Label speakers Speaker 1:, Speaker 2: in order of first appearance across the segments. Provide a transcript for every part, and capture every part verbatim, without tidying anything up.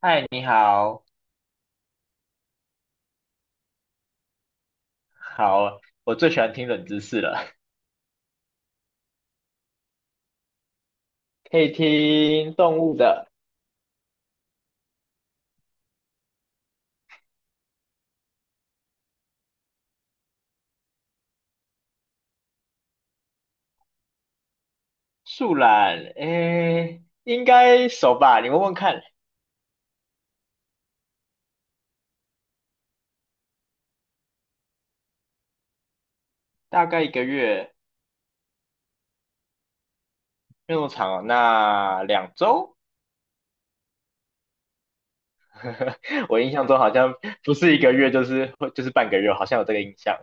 Speaker 1: 嗨，你好，好，我最喜欢听冷知识了。可以听动物的，树懒，诶，应该熟吧？你问问看，大概一个月，没有那么长哦，那两周？我印象中好像不是一个月，就是就是半个月，好像有这个印象。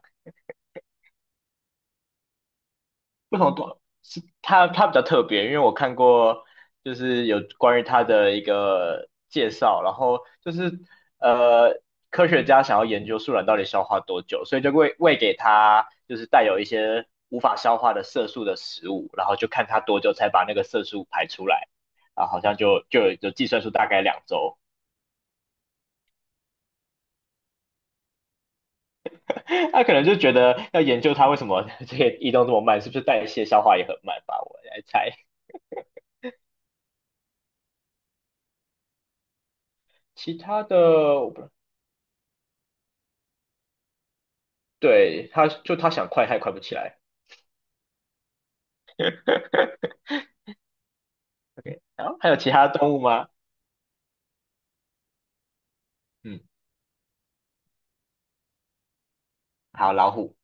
Speaker 1: 为什么短？是他？他比较特别，因为我看过就是有关于他的一个介绍，然后就是呃科学家想要研究树懒到底消化多久，所以就喂喂给他，就是带有一些无法消化的色素的食物，然后就看他多久才把那个色素排出来，啊，好像就就有就计算出大概两周，他可能就觉得要研究它为什么 这个移动这么慢，是不是代谢消化也很慢吧？我来猜。其他的对，它就它想快，它也快不起来。OK，然后还有其他动物吗？嗯，好，老虎，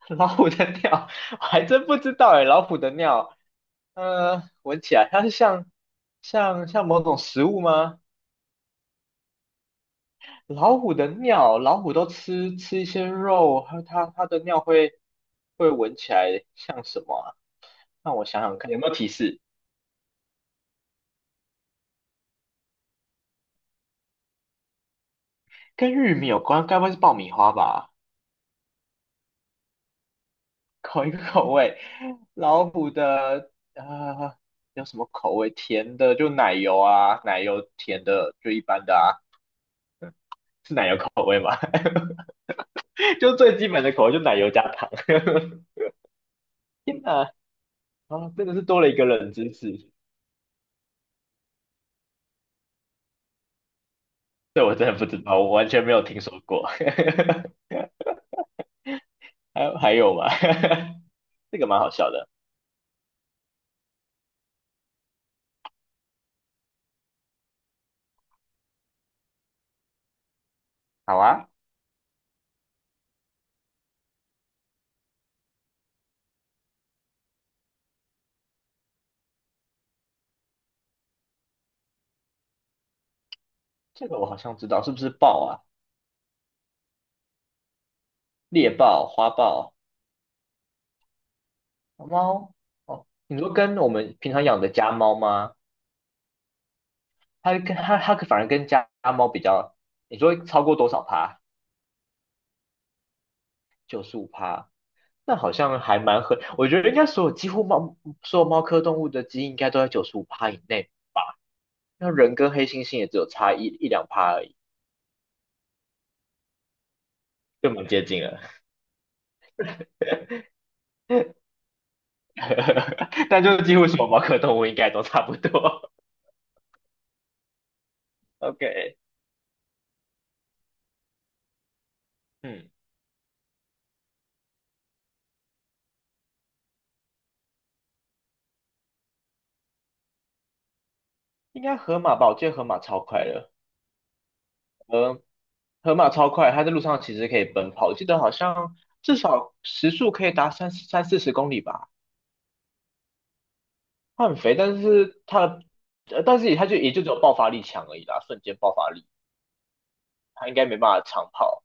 Speaker 1: 老虎的尿，我还真不知道哎，老虎的尿，呃，闻起来它是像像像某种食物吗？老虎的尿，老虎都吃吃一些肉，它它它的尿会会闻起来像什么啊？让我想想看，有没有提示？跟玉米有关，该不会是爆米花吧？口一个口味，老虎的呃有什么口味？甜的就奶油啊，奶油甜的就一般的啊，就最基本的口味就奶油加糖。天哪，啊，真的是多了一个冷知识，这我真的不知道，我完全没有听说过。还有还有吗？这个蛮好笑的。好啊，这个我好像知道，是不是豹啊？猎豹、花豹、猫？哦，你说跟我们平常养的家猫吗？它跟它它反而跟家猫比较，你说超过多少趴？九十五趴，那好像还蛮合。我觉得应该所有几乎猫所有猫科动物的基因应该都在九十五趴以内，那人跟黑猩猩也只有差一一两趴而已，就蛮接近了。但就是几乎所有猫科动物应该都差不多。OK，嗯，应该河马吧？我记得河马超快的，河河马超快，它在路上其实可以奔跑，我记得好像至少时速可以达三三四十公里吧。他很肥，但是他，呃但是也他就也就只有爆发力强而已啦，瞬间爆发力，他应该没办法长跑。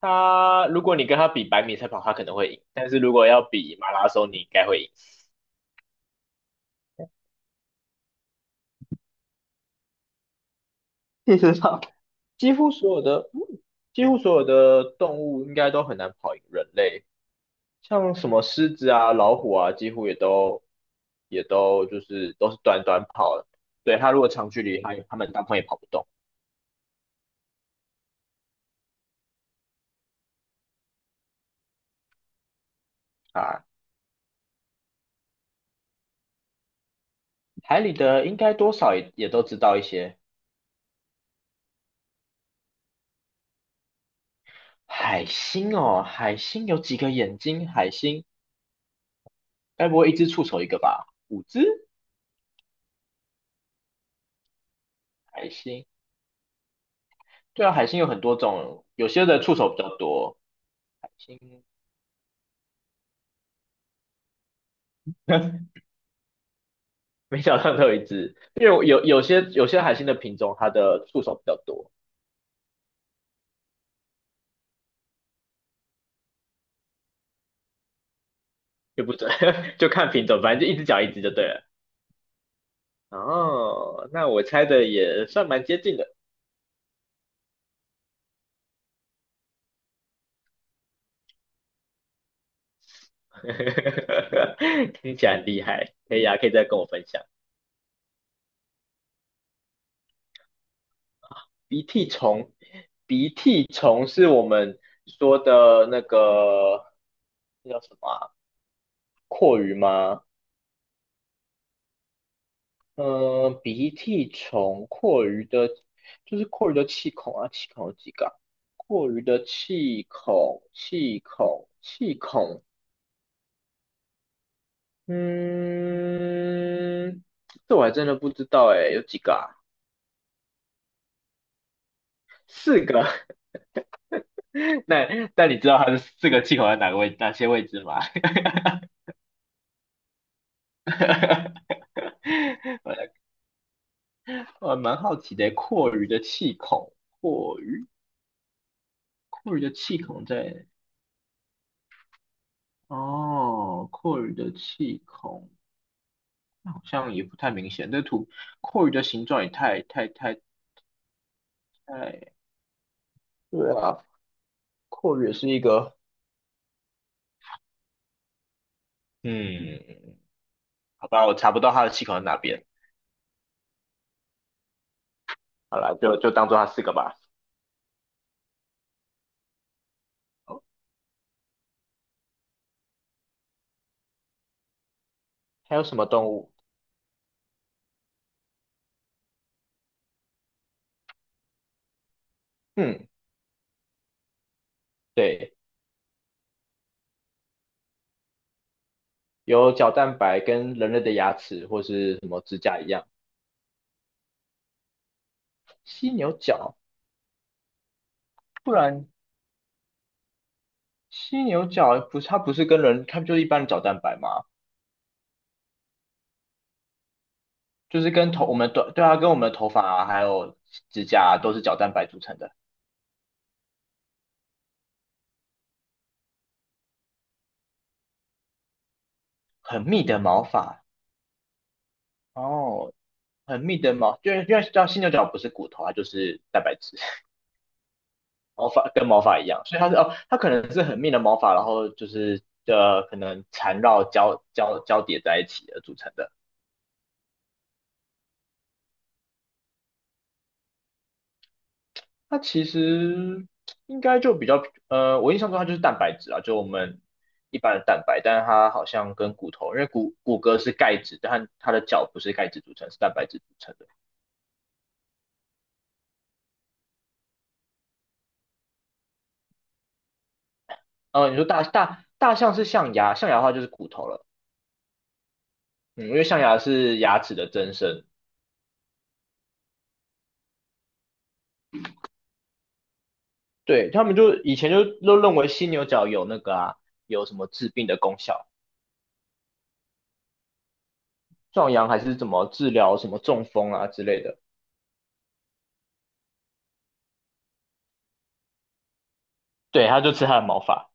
Speaker 1: 他如果你跟他比百米赛跑，他可能会赢，但是如果要比马拉松，你应该会赢。事实上，几乎所有的几乎所有的动物应该都很难跑赢人类，像什么狮子啊、老虎啊，几乎也都也都就是都是短短跑的。对，他如果长距离，他他们大部分也跑不动啊。海里的应该多少也也都知道一些。海星哦，海星有几个眼睛？海星该不会一只触手一个吧？五只？海星？对啊，海星有很多种，有些的触手比较多。海星 没想到都有一只，因为有有些有些海星的品种，它的触手比较多，也不准，就看品种，反正就一只脚一只就对了。哦，那我猜的也算蛮接近的，听起来很厉害，可以啊，可以再跟我分享。鼻涕虫，鼻涕虫是我们说的那个，那叫什么啊？蛞蝓吗？嗯、鼻涕虫，蛞蝓的，就是蛞蝓的气孔啊，气孔有几个啊？蛞蝓的气孔，气孔，气孔，嗯，这我还真的不知道哎，有几个啊？四个。那那你知道它的四个气孔在哪个位，哪些位置吗？呃，蛮好奇的，阔鱼的气孔，阔鱼，阔鱼的气孔在，哦，阔鱼的气孔，那好像也不太明显。这图，阔鱼的形状也太太太太，对啊，阔鱼也是一个，嗯，好吧，我查不到它的气孔在哪边。好了，就就当做它四个吧。哦还有什么动物？嗯，对，有角蛋白跟人类的牙齿或是什么指甲一样，犀牛角，不然犀牛角不是它不是跟人，它不就是一般的角蛋白嘛，就是跟头我们的对啊，跟我们的头发啊，还有指甲啊，都是角蛋白组成的，很密的毛发哦，很密的毛，就是因为叫犀牛角不是骨头啊，就是蛋白质，毛发跟毛发一样，所以它是哦，它可能是很密的毛发，然后就是呃可能缠绕交交交叠在一起而组成的。它其实应该就比较，呃，我印象中它就是蛋白质啊，就我们一般的蛋白，但是它好像跟骨头，因为骨骨骼是钙质，但它的脚不是钙质组成，是蛋白质组成的。呃，你说大大大象是象牙，象牙的话就是骨头了，嗯，因为象牙是牙齿的增生，对，他们就以前就都认为犀牛角有那个啊，有什么治病的功效，壮阳还是怎么治疗什么中风啊之类的，对，他就吃它的毛发。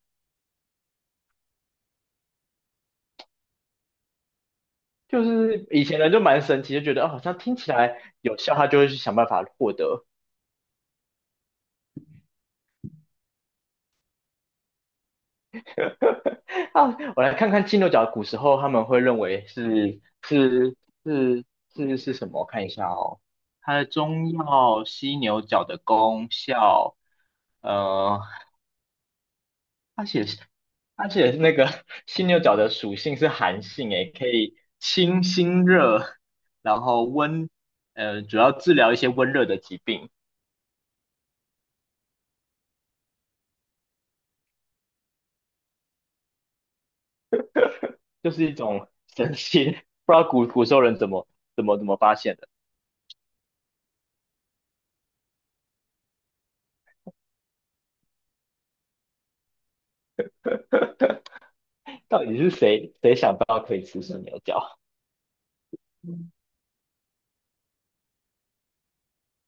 Speaker 1: 就是以前人就蛮神奇，就觉得哦，好像听起来有效，他就会去想办法获得。啊，我来看看犀牛角古时候他们会认为是是是是是什么？我看一下哦，它的中药犀牛角的功效，呃，而它写它写那个 犀牛角的属性是寒性，诶，可以清心热，然后温，呃，主要治疗一些温热的疾病。就是一种神奇，不知道古古时候人怎么怎么怎么发现的，到底是谁谁想到可以吃生牛角嗯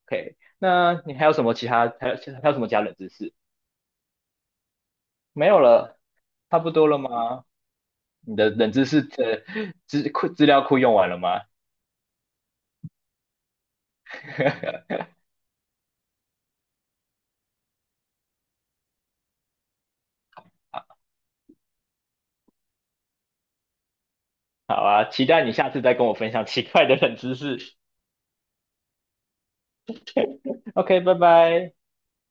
Speaker 1: ？OK，那你还有什么其他还有还有什么其他冷知识？没有了，差不多了吗？你的冷知识的资库资料库用完了吗？好啊，期待你下次再跟我分享奇怪的冷知识。OK，拜拜。